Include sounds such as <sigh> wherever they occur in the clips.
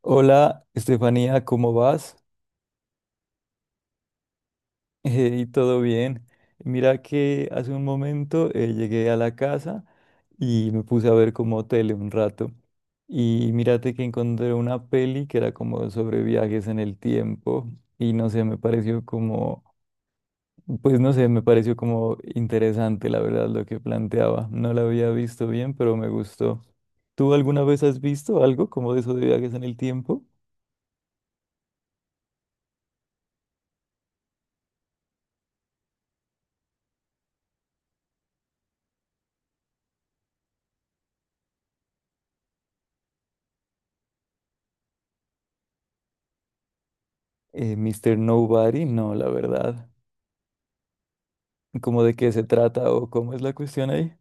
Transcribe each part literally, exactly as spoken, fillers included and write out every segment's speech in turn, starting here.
Hola, Estefanía, ¿cómo vas? <laughs> Eh, ¿y todo bien? Mira que hace un momento eh, llegué a la casa y me puse a ver como tele un rato. Y mírate que encontré una peli que era como sobre viajes en el tiempo y no sé, me pareció como, pues no sé, me pareció como interesante la verdad lo que planteaba. No la había visto bien, pero me gustó. ¿Tú alguna vez has visto algo como de eso de viajes en el tiempo? Eh, mister Nobody, no, la verdad. ¿Cómo de qué se trata o cómo es la cuestión ahí?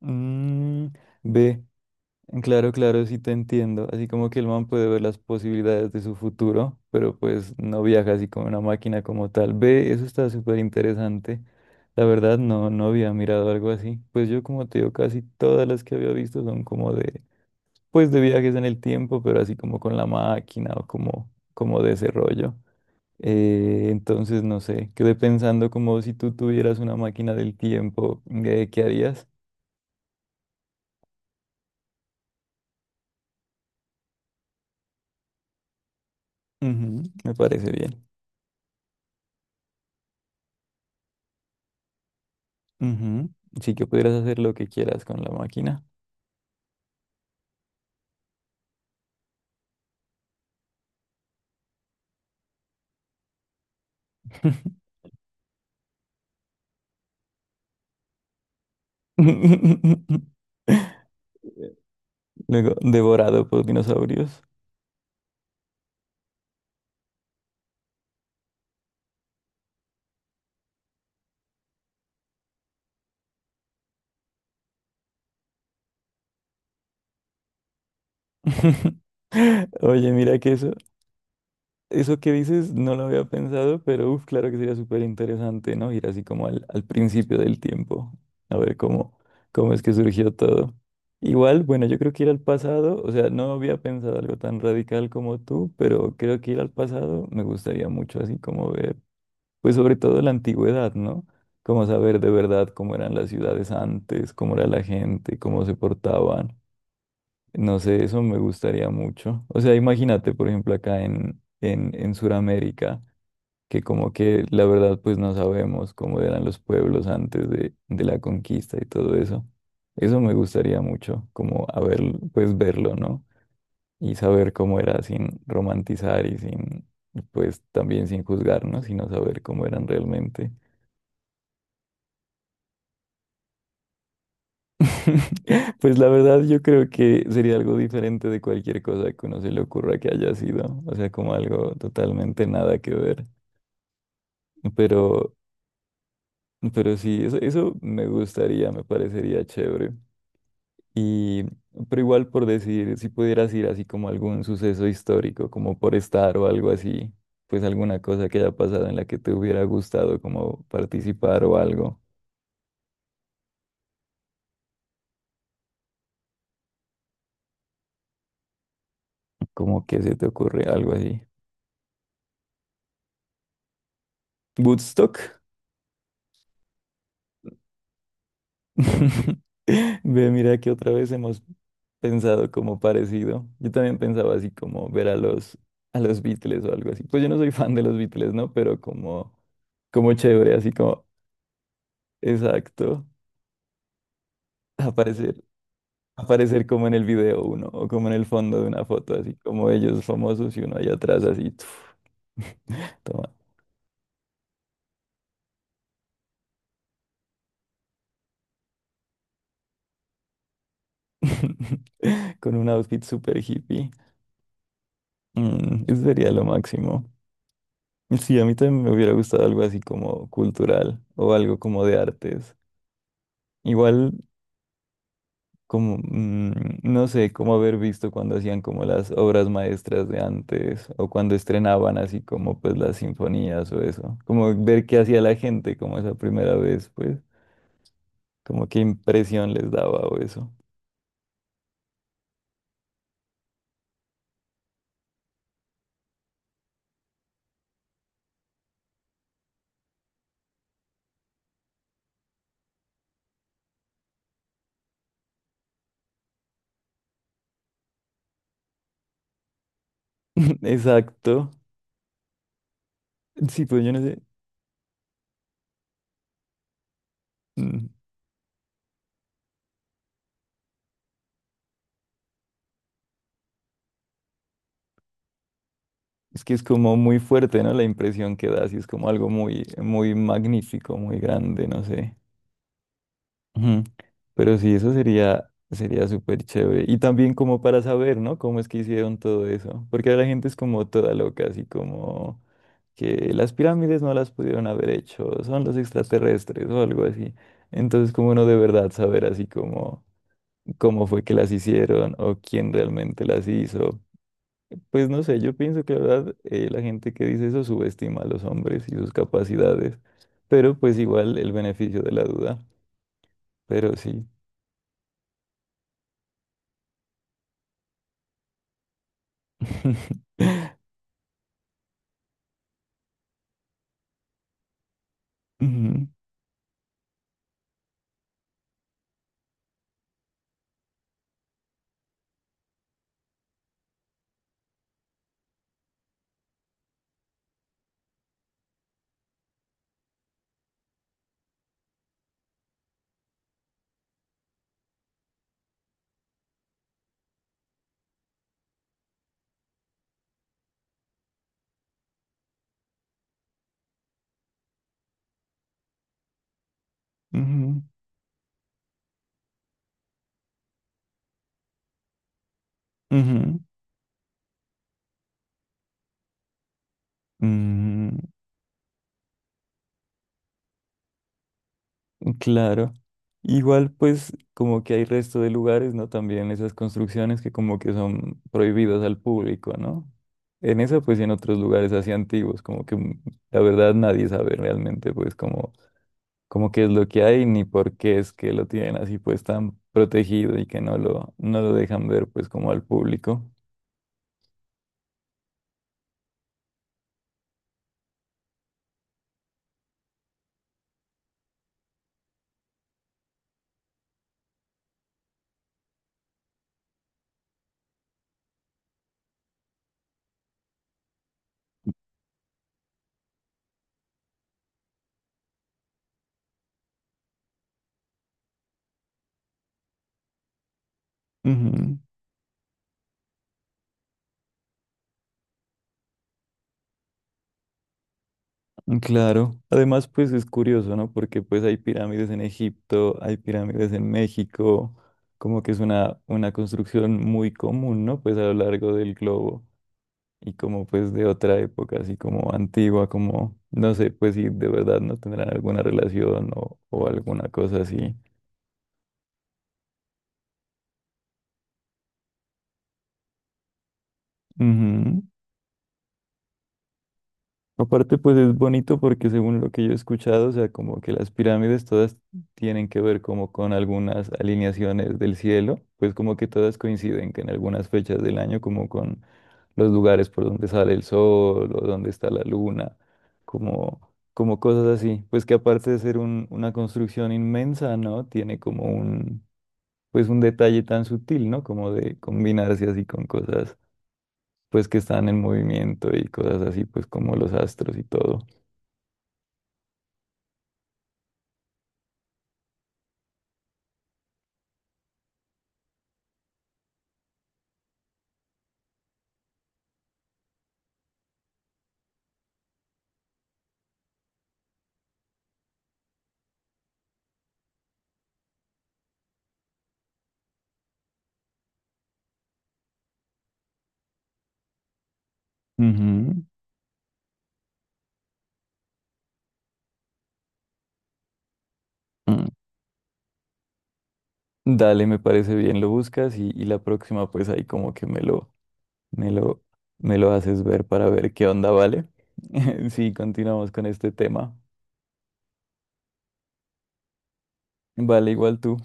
Mm, ve, claro, claro, sí te entiendo. Así como que el man puede ver las posibilidades de su futuro, pero pues no viaja así como una máquina como tal. Ve, eso está súper interesante. La verdad, no, no había mirado algo así. Pues yo, como te digo, casi todas las que había visto son como de, pues de viajes en el tiempo, pero así como con la máquina o como, como de ese rollo. Eh, entonces, no sé, quedé pensando como si tú tuvieras una máquina del tiempo, eh, ¿qué harías? Ujú, me parece bien. Ujú, sí que pudieras hacer lo que quieras con la máquina. <laughs> Luego, devorado por dinosaurios. <laughs> Oye, mira que eso, Eso que dices no lo había pensado, pero uf, claro que sería súper interesante, ¿no? Ir así como al, al principio del tiempo, a ver cómo, cómo es que surgió todo. Igual, bueno, yo creo que ir al pasado, o sea, no había pensado algo tan radical como tú, pero creo que ir al pasado me gustaría mucho así como ver, pues sobre todo la antigüedad, ¿no? Como saber de verdad cómo eran las ciudades antes, cómo era la gente, cómo se portaban. No sé, eso me gustaría mucho. O sea, imagínate, por ejemplo, acá en, en, en Sudamérica, que como que la verdad pues no sabemos cómo eran los pueblos antes de, de la conquista y todo eso. Eso me gustaría mucho, como haber, pues verlo, ¿no? Y saber cómo era sin romantizar y sin, pues también sin juzgarnos, sino saber cómo eran realmente. <laughs> Pues la verdad yo creo que sería algo diferente de cualquier cosa que uno se le ocurra que haya sido, o sea, como algo totalmente nada que ver, pero, pero sí, eso, eso me gustaría, me parecería chévere. Y, pero igual por decir, si pudieras ir así como a algún suceso histórico, como por estar o algo así, pues alguna cosa que haya pasado en la que te hubiera gustado como participar o algo, como que se te ocurre algo así. Woodstock. <laughs> Ve, mira que otra vez hemos pensado como parecido. Yo también pensaba así como ver a los, a los Beatles o algo así. Pues yo no soy fan de los Beatles, ¿no? Pero como, como chévere, así como, exacto, aparecer, aparecer como en el video uno o como en el fondo de una foto, así como ellos famosos y uno allá atrás así, <laughs> toma, <laughs> con un outfit super hippie. Mm, eso sería lo máximo. Sí, a mí también me hubiera gustado algo así como cultural o algo como de artes. Igual como, mm, no sé, como haber visto cuando hacían como las obras maestras de antes o cuando estrenaban así como pues las sinfonías o eso. Como ver qué hacía la gente como esa primera vez, pues, como qué impresión les daba o eso. <laughs> Exacto. Sí, pues yo no sé. mm, Es que es como muy fuerte, ¿no? La impresión que da, así es como algo muy, muy magnífico, muy grande, no sé. Ujú. Pero sí, eso sería, sería súper chévere. Y también como para saber, ¿no? Cómo es que hicieron todo eso. Porque la gente es como toda loca, así como que las pirámides no las pudieron haber hecho, son los extraterrestres o algo así. Entonces, como uno de verdad saber así como cómo fue que las hicieron o quién realmente las hizo. Pues no sé, yo pienso que la verdad eh, la gente que dice eso subestima a los hombres y sus capacidades. Pero pues igual el beneficio de la duda. Pero sí. <laughs> Ujú, ujú, ujú, ujú. Claro. Igual, pues, como que hay resto de lugares, ¿no? También esas construcciones que como que son prohibidas al público, ¿no? En eso, pues, y en otros lugares así antiguos, como que mm, la verdad nadie sabe realmente, pues, como, como, qué es lo que hay, ni por qué es que lo tienen así, pues, tan protegido y que no lo, no lo dejan ver, pues, como al público. Claro, además pues es curioso, ¿no? Porque pues hay pirámides en Egipto, hay pirámides en México, como que es una, una construcción muy común, ¿no? Pues a lo largo del globo y como pues de otra época, así como antigua, como no sé, pues si de verdad no tendrán alguna relación o, o alguna cosa así. Ujú. Aparte, pues es bonito porque según lo que yo he escuchado, o sea, como que las pirámides todas tienen que ver como con algunas alineaciones del cielo, pues como que todas coinciden que en algunas fechas del año, como con los lugares por donde sale el sol o donde está la luna, como, como cosas así. Pues que aparte de ser un- una construcción inmensa, ¿no? Tiene como un, pues un detalle tan sutil, ¿no? Como de combinarse así con cosas, pues que están en movimiento y cosas así, pues como los astros y todo. Ujú, mm. Dale, me parece bien, lo buscas y, y la próxima pues ahí como que me lo, me lo, me lo haces ver para ver qué onda, ¿vale? <laughs> Sí, continuamos con este tema. Vale, igual tú.